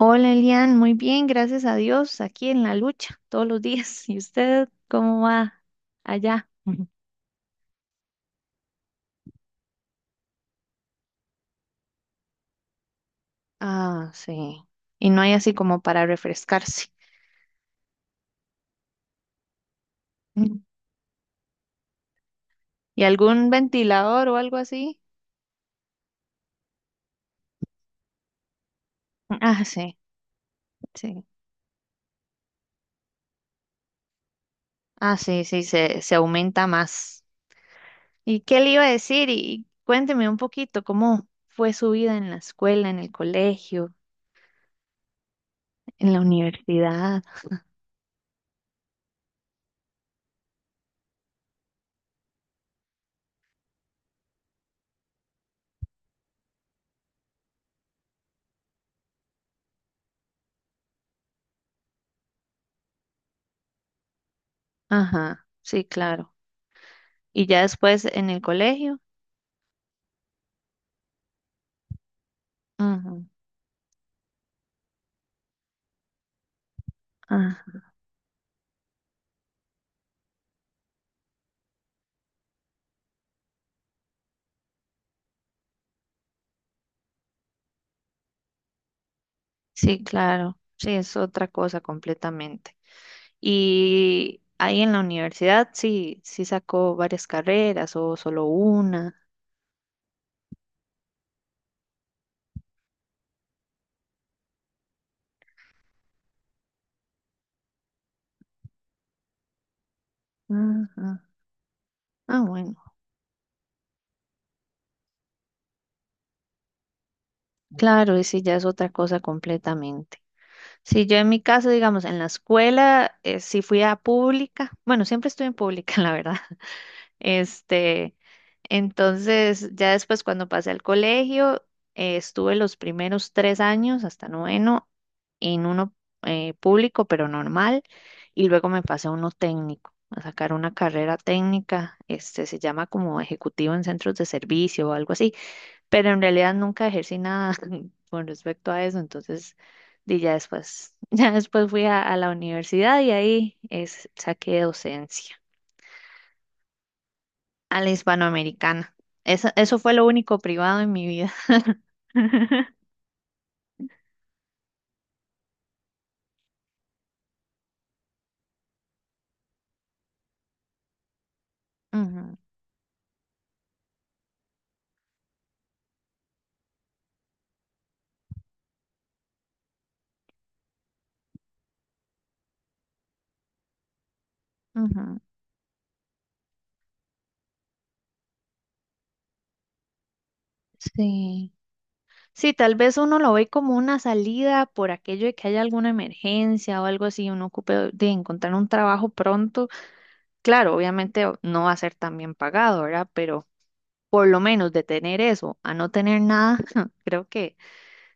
Hola Elian, muy bien, gracias a Dios, aquí en la lucha todos los días. ¿Y usted cómo va allá? Ah, sí. Y no hay así como para refrescarse. Mm. ¿Y algún ventilador o algo así? Ah, sí, sí. Ah, sí, sí, se aumenta más. ¿Y qué le iba a decir? Y cuénteme un poquito cómo fue su vida en la escuela, en el colegio, en la universidad. Ajá, sí, claro. ¿Y ya después en el colegio? Ajá. Sí, claro, sí, es otra cosa completamente. Y ahí en la universidad, sí, sí sacó varias carreras o solo una. Ajá. Ah, bueno, claro, y sí, ya es otra cosa completamente. Sí, yo en mi caso, digamos, en la escuela, sí fui a pública. Bueno, siempre estuve en pública, la verdad. Este, entonces, ya después cuando pasé al colegio, estuve los primeros tres años hasta noveno en uno público, pero normal, y luego me pasé a uno técnico, a sacar una carrera técnica, se llama como ejecutivo en centros de servicio o algo así, pero en realidad nunca ejercí nada con respecto a eso, entonces, di ya después, ya después fui a la universidad y ahí es, saqué docencia a la hispanoamericana. Eso fue lo único privado en mi vida. Ujú, ujú. Sí. Sí, tal vez uno lo ve como una salida por aquello de que haya alguna emergencia o algo así, uno ocupe de encontrar un trabajo pronto. Claro, obviamente o- no va a ser tan bien pagado, ¿verdad? Pero por lo menos de tener eso a no tener nada, creo que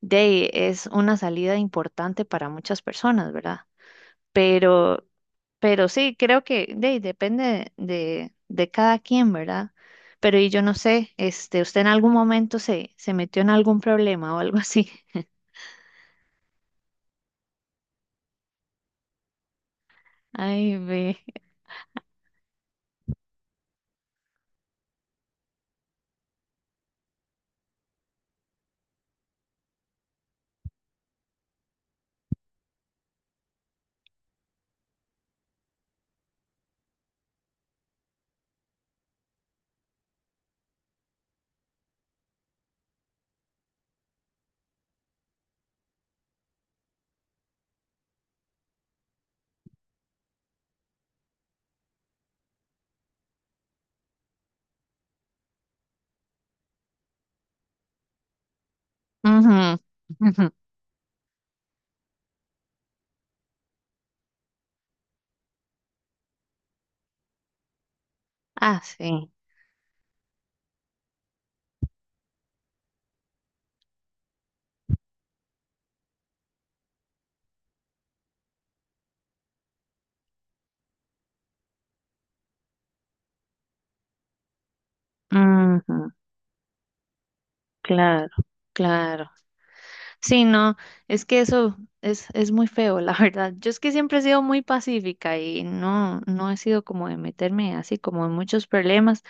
de ahí es una salida importante para muchas personas, ¿verdad? Pero Pero sí, creo que ahí depende de cada quien, ¿verdad? Pero y yo no sé, ¿usted en algún momento se metió en algún problema o algo así? Ay, ve. Ujú, ujú. Ah, sí. Ujú, claro, claro. Sí, no, es que eso es muy feo, la verdad. Yo es que siempre he sido muy pacífica y no, no he sido como de meterme así como en muchos problemas.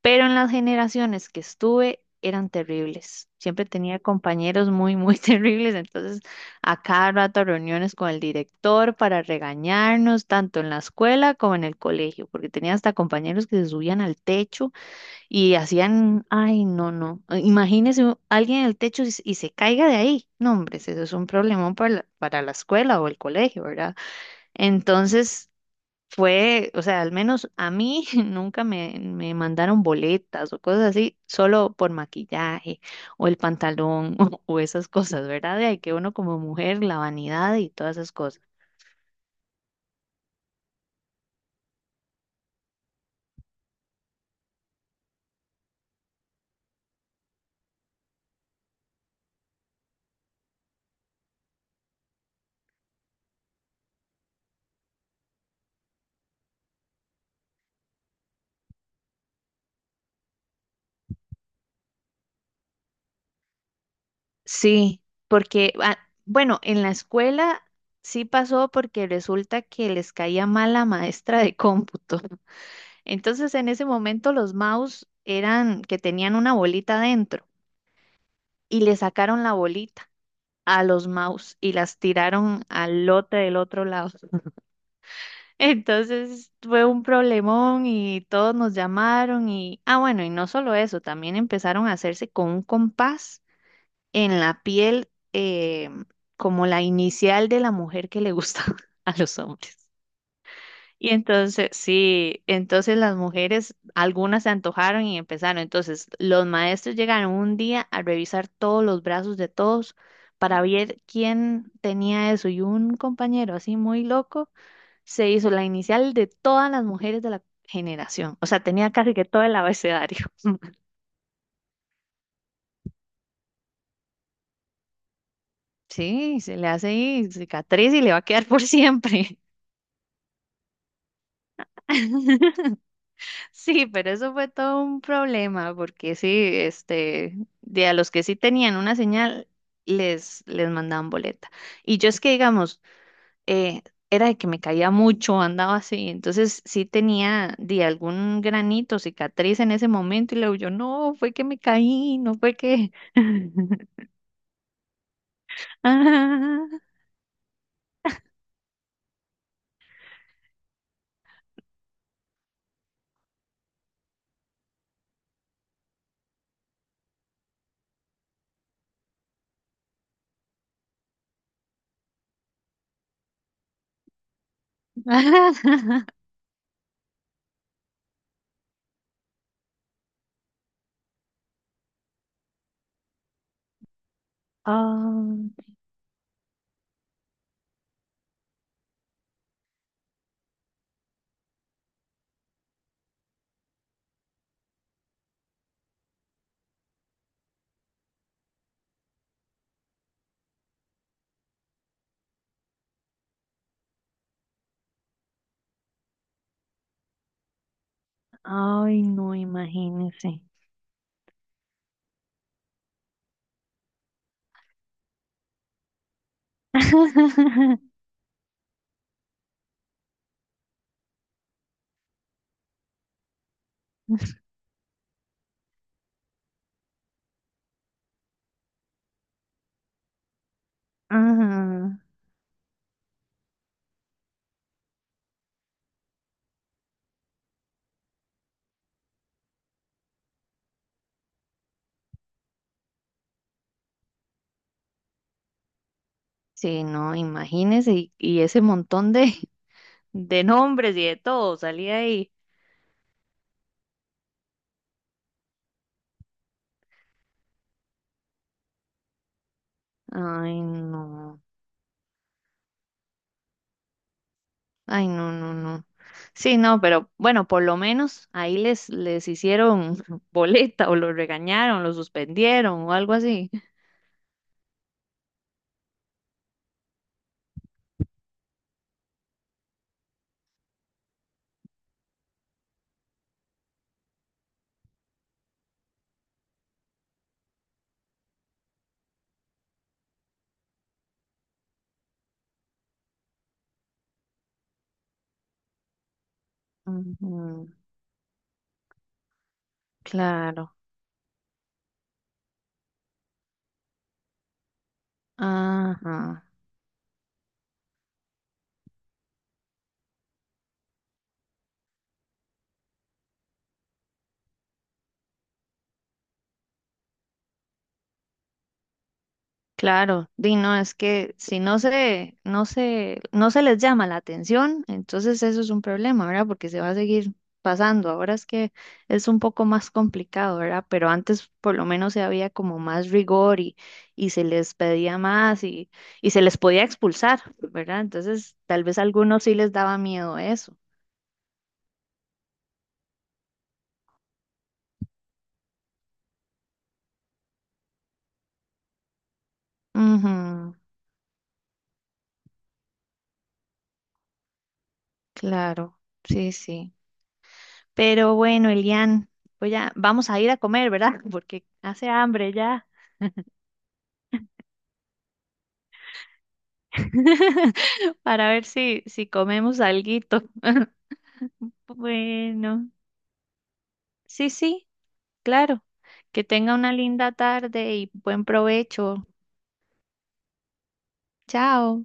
Pero en las generaciones que estuve eran terribles. Siempre tenía compañeros muy, muy terribles, entonces a cada rato reuniones con el director para regañarnos, tanto en la escuela como en el colegio, porque tenía hasta compañeros que se subían al techo y hacían, ay, no, no, imagínese u- alguien en el techo se y se caiga de ahí. No, hombre, eso es un problemón para para la escuela o el colegio, ¿verdad? Entonces fue, o sea, al menos a mí nunca me mandaron boletas o cosas así, solo por maquillaje o el pantalón o esas cosas, ¿verdad? De ahí que uno como mujer, la vanidad y todas esas cosas. Sí, porque, ah, bueno, en la escuela sí pasó porque resulta que les caía mal la maestra de cómputo. Entonces, en ese momento los mouse eran que tenían una bolita dentro y le sacaron la bolita a los mouse y las tiraron al lote del otro lado. Entonces fue un problemón y todos nos llamaron y, ah, bueno, y no solo eso, también empezaron a hacerse con un compás en la piel como la inicial de la mujer que le gusta a los hombres. Y entonces, sí, entonces las mujeres, algunas se antojaron y empezaron. Entonces, los maestros llegaron un día a revisar todos los brazos de todos para ver quién tenía eso. Y un compañero así muy loco se hizo la inicial de todas las mujeres de la generación. O sea, tenía casi que todo el abecedario. Sí, se le hace ahí cicatriz y le va a quedar por siempre. Sí, pero eso fue todo un problema, porque sí, este, de a los que sí tenían una señal, les mandaban boleta. Y yo es que, digamos, eh, era de que me caía mucho, andaba así, entonces sí tenía de algún granito, cicatriz en ese momento, y luego yo, no, fue que me caí, no fue que... Ah, ah, ah, ay, no, imagínese. Ah, sí, no, imagínese, y ese montón de, de nombres y de todo salía ahí. Ay, no, ay, no, no, no. Sí, no, pero bueno, por lo menos ahí les, les hicieron boleta o los regañaron, los suspendieron o algo así. Ujú, claro, ajá. Claro, di no, es que si no no no se les llama la atención, entonces eso es un problema, ¿verdad? Porque se va a seguir pasando. Ahora es que es un poco más complicado, ¿verdad? Pero antes por lo menos se había como más rigor y se les pedía más y se les podía expulsar, ¿verdad? Entonces tal vez a algunos sí les daba miedo eso. Ujú, claro, sí, sí. Pero bueno, Elian, pues ya vamos a ir a comer, ¿verdad? Porque hace hambre ya. Para ver si, si comemos alguito. Bueno, sí, sí, claro. Que tenga una linda tarde y buen provecho. Chao.